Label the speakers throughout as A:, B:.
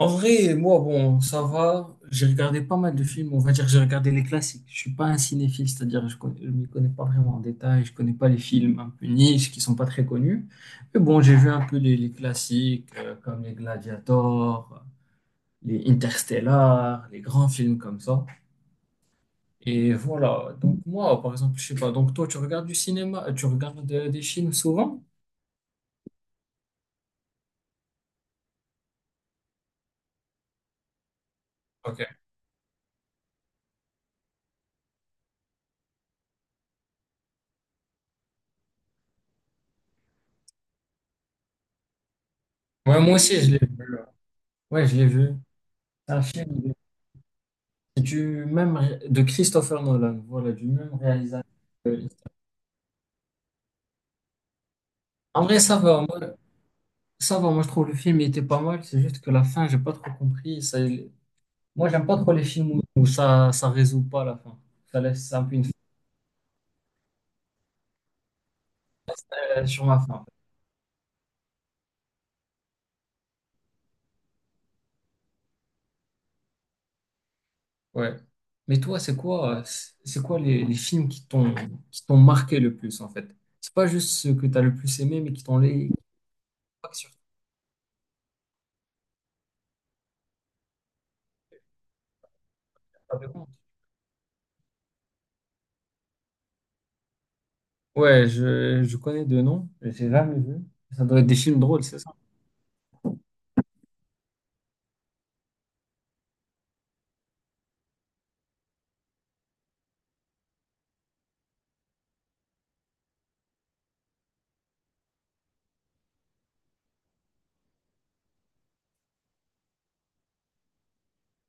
A: En vrai, moi, bon, ça va. J'ai regardé pas mal de films. On va dire que j'ai regardé les classiques. Je suis pas un cinéphile, c'est-à-dire je m'y connais pas vraiment en détail. Je connais pas les films un peu niche qui sont pas très connus. Mais bon, j'ai vu un peu les classiques comme les Gladiators, les Interstellar, les grands films comme ça. Et voilà. Donc moi, par exemple, je sais pas. Donc toi, tu regardes du cinéma, tu regardes des films souvent? Ok. Ouais, moi aussi, je l'ai vu. Ouais, je l'ai vu. C'est un film, de Christopher Nolan, voilà, du même réalisateur. que- En vrai, ça va, moi, je trouve le film il était pas mal, c'est juste que la fin, j'ai pas trop compris. Ça, moi, j'aime pas trop les films où ça résout pas la fin. Ça laisse un peu une fin sur la fin. Ouais. Mais toi, c'est quoi, c'est quoi les films qui t'ont marqué le plus en fait? C'est pas juste ceux que t'as le plus aimé, mais qui t'ont marqué sur ta table de compte. Ouais, je connais deux noms, mais j'ai jamais vu. Ça doit être des films drôles, c'est ça?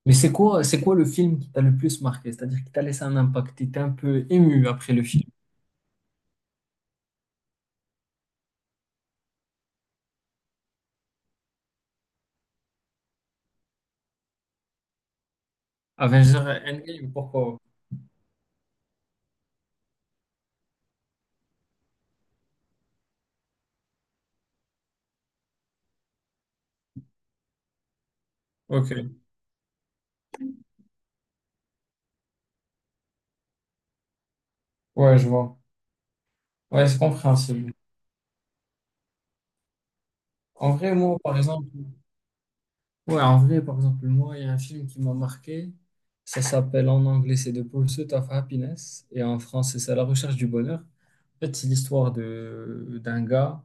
A: Mais c'est quoi le film qui t'a le plus marqué? C'est-à-dire qui t'a laissé un impact, t'étais un peu ému après le film. Avengers Endgame, pourquoi? Ok. Ouais, je vois. Ouais, c'est compréhensible. En vrai, moi, par exemple, ouais, en vrai, par exemple, moi, il y a un film qui m'a marqué. Ça s'appelle en anglais, c'est The Pursuit of Happiness, et en français, c'est La Recherche du Bonheur. En fait, c'est l'histoire de d'un gars.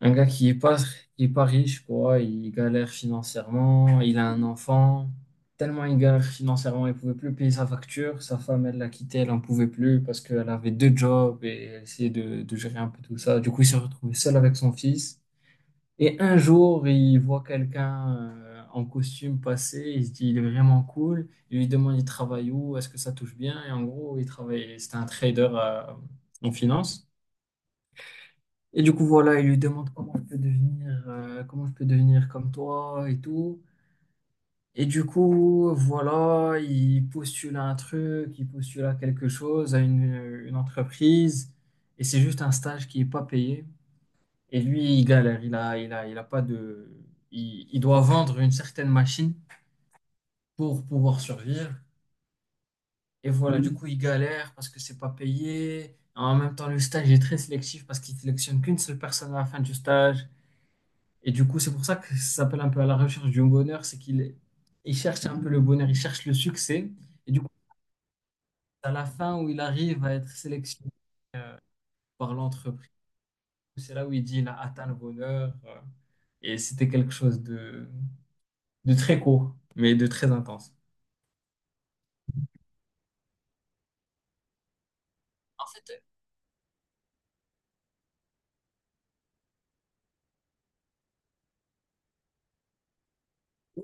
A: Un gars qui est pas riche, quoi, il galère financièrement, il a un enfant. Tellement il galère financièrement, il pouvait plus payer sa facture. Sa femme, elle l'a quitté, elle en pouvait plus parce qu'elle avait deux jobs et elle essayait de gérer un peu tout ça. Du coup, il s'est retrouvé seul avec son fils. Et un jour, il voit quelqu'un en costume passer, il se dit, il est vraiment cool. Il lui demande, il travaille où, est-ce que ça touche bien? Et en gros, il travaille, c'était un trader en finance. Et du coup, voilà, il lui demande comment je peux devenir comme toi et tout. Et du coup, voilà, il postule à un truc, il postule à quelque chose, à une entreprise, et c'est juste un stage qui n'est pas payé. Et lui, il galère, il a pas de... Il doit vendre une certaine machine pour pouvoir survivre. Et voilà, du coup, il galère parce que c'est pas payé. En même temps, le stage est très sélectif parce qu'il sélectionne qu'une seule personne à la fin du stage. Et du coup, c'est pour ça que ça s'appelle un peu à la recherche du bonheur, c'est qu'il il cherche un peu le bonheur, il cherche le succès. Et du coup, à la fin où il arrive à être sélectionné par l'entreprise, c'est là où il dit il a atteint le bonheur. Et c'était quelque chose de très court, mais de très intense.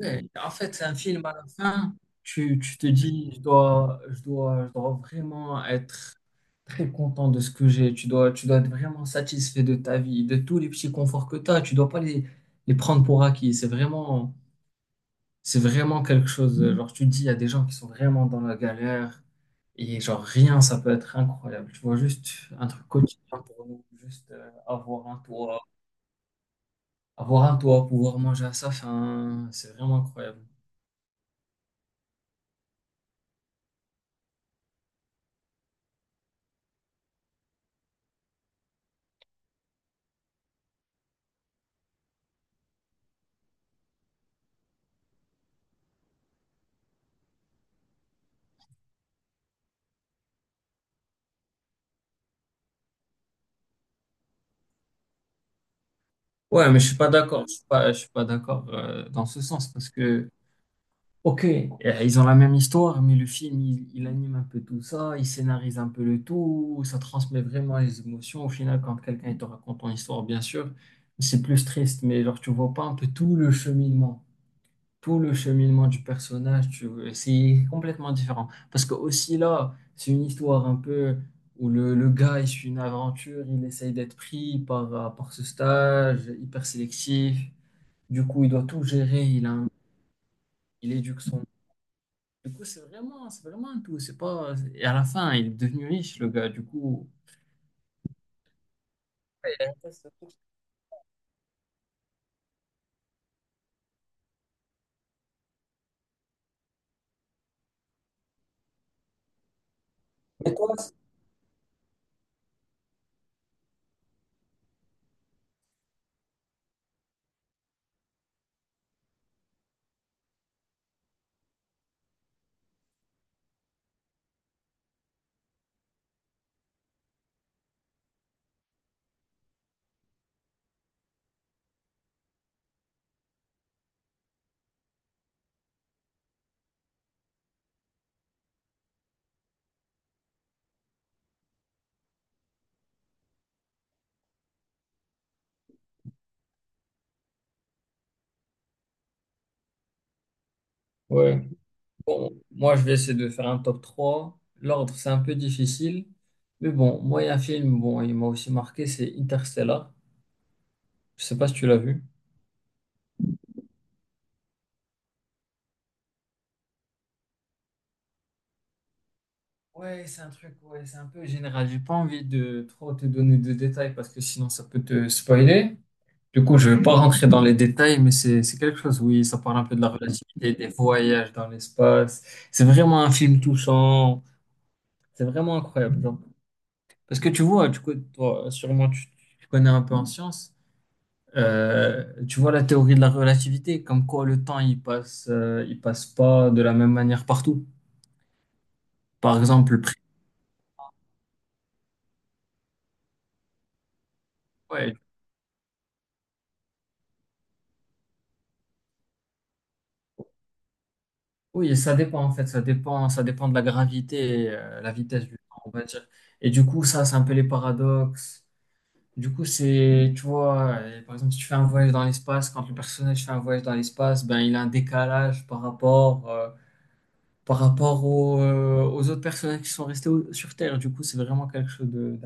A: Ouais, en fait, c'est un film à la fin. Tu te dis, je dois vraiment être très content de ce que j'ai. Tu dois être vraiment satisfait de ta vie, de tous les petits conforts que tu as. Tu dois pas les prendre pour acquis. C'est vraiment quelque chose. Genre, tu te dis, il y a des gens qui sont vraiment dans la galère et genre rien, ça peut être incroyable. Tu vois, juste un truc quotidien pour nous, juste avoir un toit, pouvoir manger à sa faim, c'est vraiment incroyable. Ouais, mais je suis pas d'accord. Je suis pas d'accord dans ce sens parce que, ok, ils ont la même histoire, mais le film, il anime un peu tout ça, il scénarise un peu le tout, ça transmet vraiment les émotions. Au final, quand quelqu'un il te raconte ton histoire, bien sûr, c'est plus triste, mais genre, tu vois pas un peu tout le cheminement du personnage, c'est complètement différent. Parce que aussi là, c'est une histoire un peu où le gars, il suit une aventure, il essaye d'être pris par ce stage hyper sélectif. Du coup, il doit tout gérer, il éduque son... Du coup, c'est vraiment un tout. C'est pas... Et à la fin, il est devenu riche, le gars. Du coup... Et toi, ouais. Bon, moi, je vais essayer de faire un top 3. L'ordre, c'est un peu difficile. Mais bon, moi, il y a un film, bon, il m'a aussi marqué, c'est Interstellar. Je sais pas si tu l'as vu. Ouais, c'est un truc, ouais, c'est un peu général. J'ai pas envie de trop te donner de détails parce que sinon ça peut te spoiler. Du coup, je vais pas rentrer dans les détails, mais c'est quelque chose, oui, ça parle un peu de la relativité, des voyages dans l'espace. C'est vraiment un film touchant. C'est vraiment incroyable, genre. Parce que tu vois, du coup, toi, sûrement, tu connais un peu en science. Tu vois la théorie de la relativité, comme quoi le temps il passe pas de la même manière partout. Par exemple, le prix. Ouais, oui, ça dépend en fait, ça dépend de la gravité, et, la vitesse du temps, on va dire. Et du coup, ça, c'est un peu les paradoxes. Du coup, c'est, tu vois, par exemple, si tu fais un voyage dans l'espace, quand le personnage fait un voyage dans l'espace, ben il a un décalage par rapport aux autres personnages qui sont restés sur Terre. Du coup, c'est vraiment quelque chose de.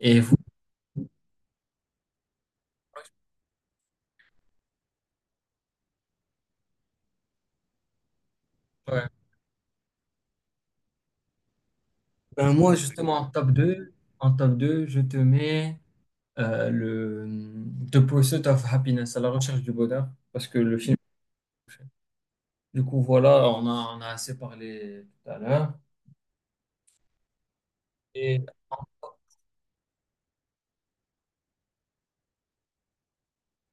A: Et vous? Ouais. Ben, moi, justement, en top 2, je te mets le The Pursuit of Happiness, à la recherche du bonheur, parce que le film. Du coup, voilà, on a assez parlé tout à l'heure. Et en top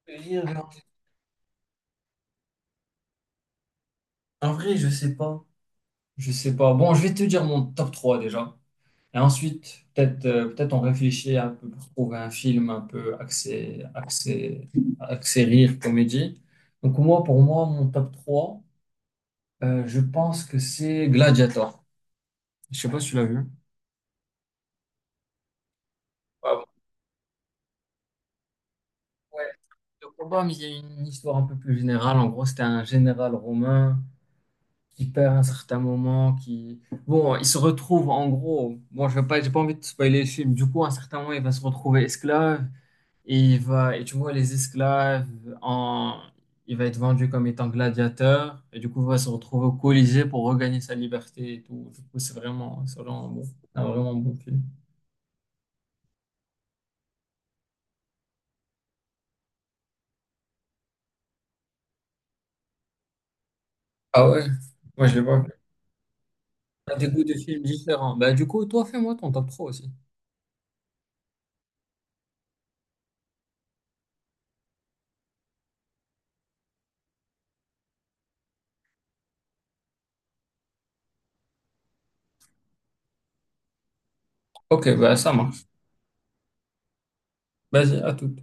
A: de En vrai, je sais pas. Je sais pas. Bon, je vais te dire mon top 3 déjà. Et ensuite, peut-être on réfléchit un peu pour trouver un film un peu axé rire, comédie. Donc, moi, pour moi, mon top 3. Je pense que c'est Gladiator. Je sais pas si tu l'as vu. Ah bon. Ouais, le combat, mais il y a une histoire un peu plus générale. En gros, c'était un général romain qui perd un certain moment, qui... Bon, il se retrouve, en gros... Bon, je vais pas, j'ai pas envie de spoiler le film. Du coup, à un certain moment, il va se retrouver esclave. Et il va... Et tu vois, les esclaves, en... il va être vendu comme étant gladiateur. Et du coup, il va se retrouver au Colisée pour regagner sa liberté et tout. Du coup, c'est vraiment... C'est vraiment bon. Un vraiment bon film. Ah ouais, moi je l'ai pas. T'as des goûts de films différents. Bah, du coup, toi, fais-moi ton top 3 aussi. Ok, bah, ça marche. Vas-y, à tout.